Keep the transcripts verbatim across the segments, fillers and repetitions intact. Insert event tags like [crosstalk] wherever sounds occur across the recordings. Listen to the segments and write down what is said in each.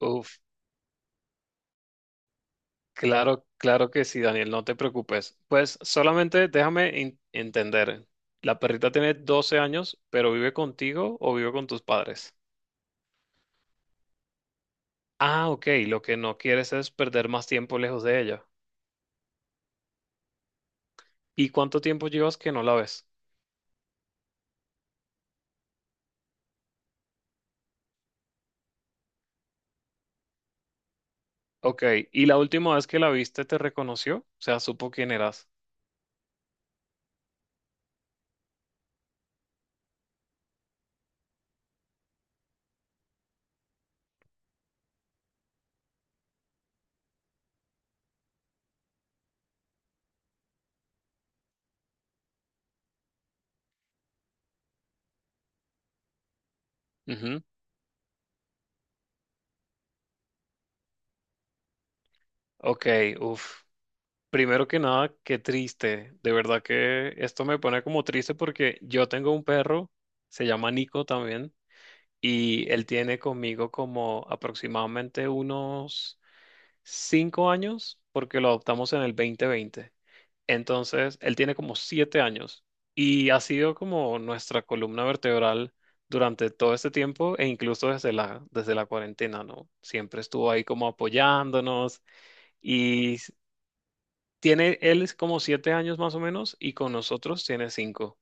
Uf, claro, claro que sí, Daniel, no te preocupes. Pues solamente déjame en- entender. La perrita tiene doce años, pero vive contigo o vive con tus padres. Ah, ok, lo que no quieres es perder más tiempo lejos de ella. ¿Y cuánto tiempo llevas que no la ves? Ok, ¿y la última vez que la viste te reconoció? O sea, supo quién eras. Ujú. Ok, uf. Primero que nada, qué triste. De verdad que esto me pone como triste porque yo tengo un perro, se llama Nico también. Y él tiene conmigo como aproximadamente unos cinco años, porque lo adoptamos en el dos mil veinte. Entonces, él tiene como siete años y ha sido como nuestra columna vertebral durante todo este tiempo e incluso desde la, desde la cuarentena, ¿no? Siempre estuvo ahí como apoyándonos. y s- Tiene, él es como siete años más o menos y con nosotros tiene cinco.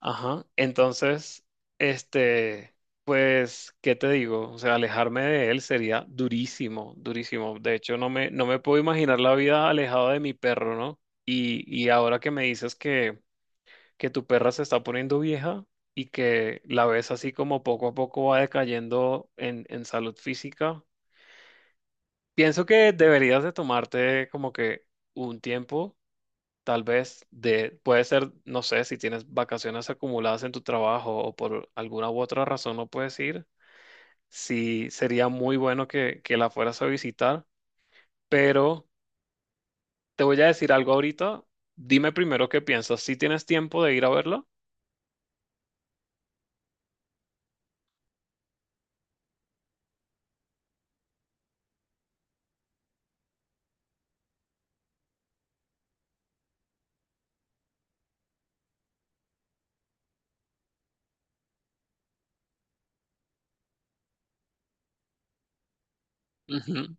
Ajá. Entonces, este, pues, ¿qué te digo? O sea, alejarme de él sería durísimo, durísimo. De hecho, no me, no me puedo imaginar la vida alejada de mi perro, ¿no? Y, y ahora que me dices que, que, tu perra se está poniendo vieja y que la ves así como poco a poco va decayendo en, en salud física, pienso que deberías de tomarte como que un tiempo. Tal vez de, puede ser, no sé, si tienes vacaciones acumuladas en tu trabajo o por alguna u otra razón no puedes ir, sí sería muy bueno que, que la fueras a visitar, pero te voy a decir algo ahorita. Dime primero qué piensas, ¿si tienes tiempo de ir a verla? Ujú.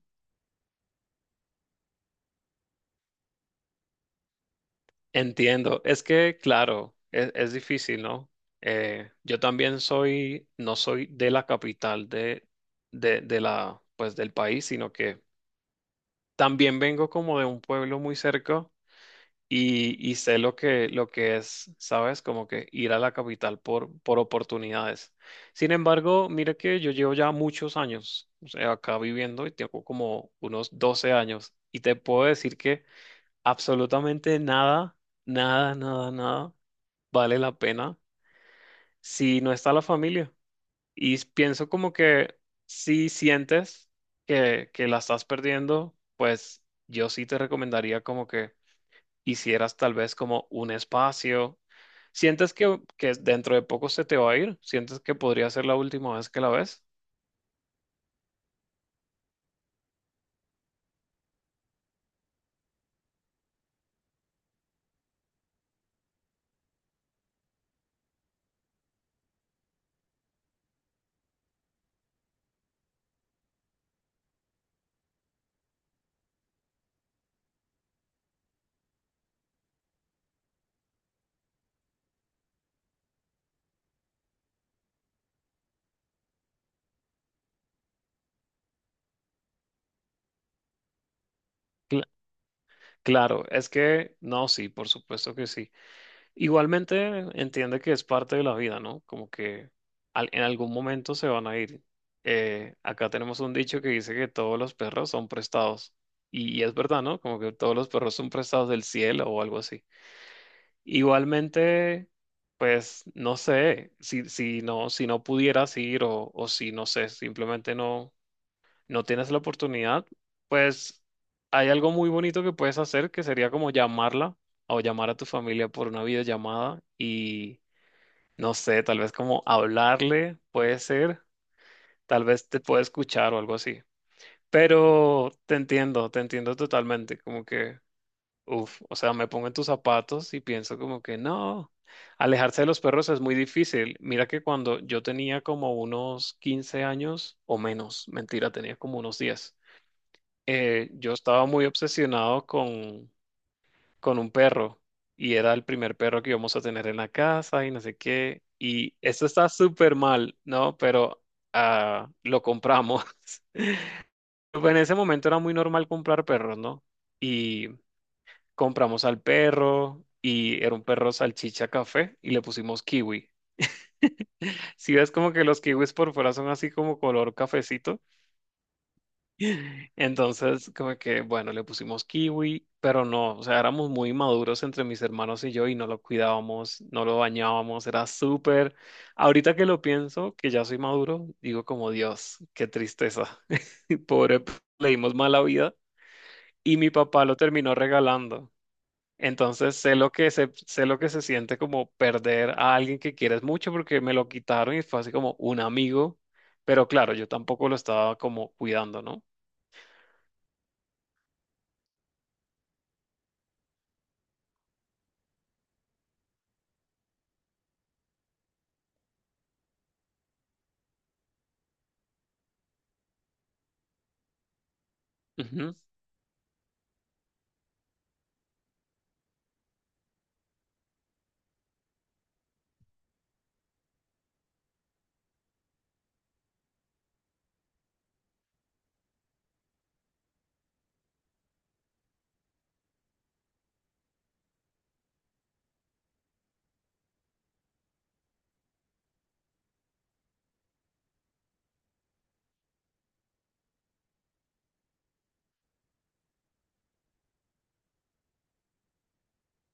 Entiendo, es que claro, es, es difícil, ¿no? Eh, yo también soy, no soy de la capital de, de, de la, pues del país, sino que también vengo como de un pueblo muy cerca y, y sé lo que, lo que, es, ¿sabes? Como que ir a la capital por, por oportunidades. Sin embargo, mira que yo llevo ya muchos años, o sea, acá viviendo y tengo como unos doce años y te puedo decir que absolutamente nada, nada, nada, nada vale la pena si no está la familia. Y pienso como que si sientes que, que, la estás perdiendo, pues yo sí te recomendaría como que hicieras tal vez como un espacio. ¿Sientes que, que dentro de poco se te va a ir? ¿Sientes que podría ser la última vez que la ves? Cl- claro, es que no, sí, por supuesto que sí. Igualmente entiende que es parte de la vida, ¿no? Como que al- en algún momento se van a ir. Eh, acá tenemos un dicho que dice que todos los perros son prestados. Y, y es verdad, ¿no? Como que todos los perros son prestados del cielo o algo así. Igualmente, pues no sé, si, si no, si no pudieras ir o, o si no sé, simplemente no, no tienes la oportunidad, pues hay algo muy bonito que puedes hacer que sería como llamarla o llamar a tu familia por una videollamada y no sé, tal vez como hablarle, puede ser, tal vez te puede escuchar o algo así. Pero te entiendo, te entiendo totalmente, como que uf, o sea, me pongo en tus zapatos y pienso como que no, alejarse de los perros es muy difícil. Mira que cuando yo tenía como unos quince años o menos, mentira, tenía como unos diez, eh, yo estaba muy obsesionado con, con, un perro y era el primer perro que íbamos a tener en la casa y no sé qué. Y esto está súper mal, ¿no? Pero ah, lo compramos. [laughs] Pues en ese momento era muy normal comprar perros, ¿no? Y compramos al perro y era un perro salchicha café y le pusimos kiwi. Si ves como que los kiwis por fuera son así como color cafecito, entonces como que, bueno, le pusimos kiwi, pero no, o sea, éramos muy maduros entre mis hermanos y yo y no lo cuidábamos, no lo bañábamos, era súper... Ahorita que lo pienso, que ya soy maduro, digo como Dios, qué tristeza. [laughs] Pobre, p- le dimos mala vida y mi papá lo terminó regalando. Entonces sé lo que se, sé lo que se siente como perder a alguien que quieres mucho porque me lo quitaron y fue así como un amigo, pero claro, yo tampoco lo estaba como cuidando, ¿no? Ujú.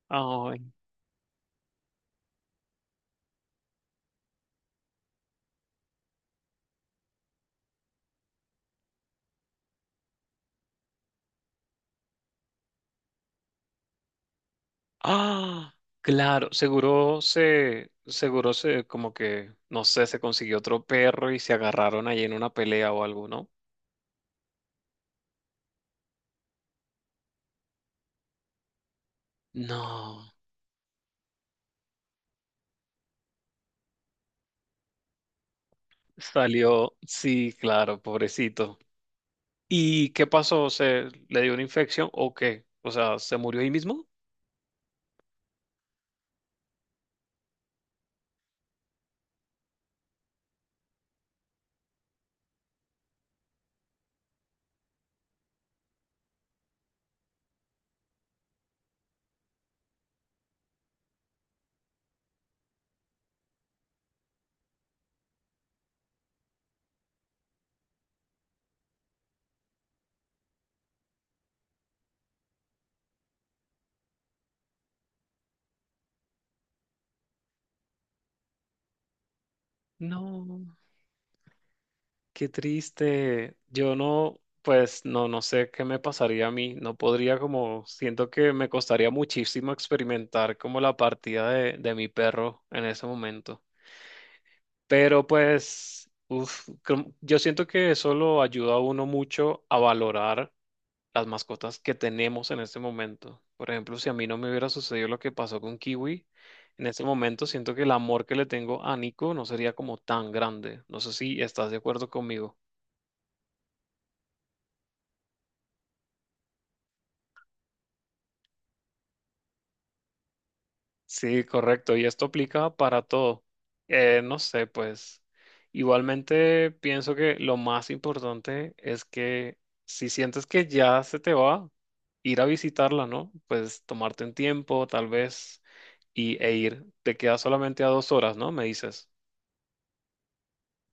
Ay. Ah, claro, seguro se, seguro se, como que, no sé, se consiguió otro perro y se agarraron ahí en una pelea o algo, ¿no? No, salió, sí, claro, pobrecito. ¿Y qué pasó? ¿Se le dio una infección o qué? O sea, ¿se murió ahí mismo? No. Qué triste. Yo no, pues no, no sé qué me pasaría a mí. No podría como, siento que me costaría muchísimo experimentar como la partida de, de mi perro en ese momento. Pero pues, uf, cre- yo siento que eso lo ayuda a uno mucho a valorar las mascotas que tenemos en ese momento. Por ejemplo, si a mí no me hubiera sucedido lo que pasó con Kiwi, en ese momento siento que el amor que le tengo a Nico no sería como tan grande. No sé si estás de acuerdo conmigo. Sí, correcto. Y esto aplica para todo. Eh, no sé, pues igualmente pienso que lo más importante es que si sientes que ya se te va, ir a visitarla, ¿no? Pues tomarte un tiempo, tal vez, y, e ir. Te queda solamente a dos horas, ¿no? Me dices,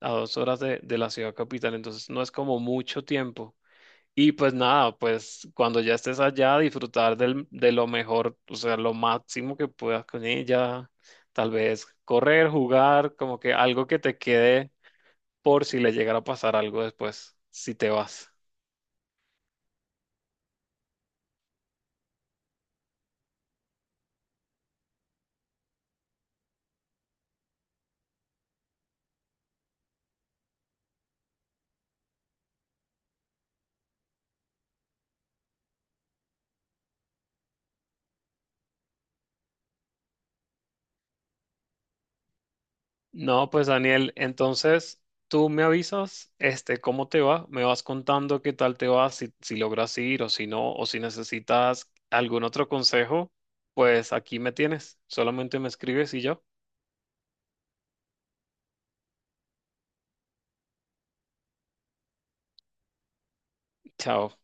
a dos horas de, de la ciudad capital. Entonces no es como mucho tiempo. Y pues nada, pues cuando ya estés allá, disfrutar del- de lo mejor, o sea, lo máximo que puedas con ella, tal vez correr, jugar, como que algo que te quede por si le llegara a pasar algo después, si te vas. No, pues Daniel, entonces tú me avisas, este, cómo te va, me vas contando qué tal te va, si, si, logras ir o si no, o si necesitas algún otro consejo, pues aquí me tienes, solamente me escribes y yo, chao.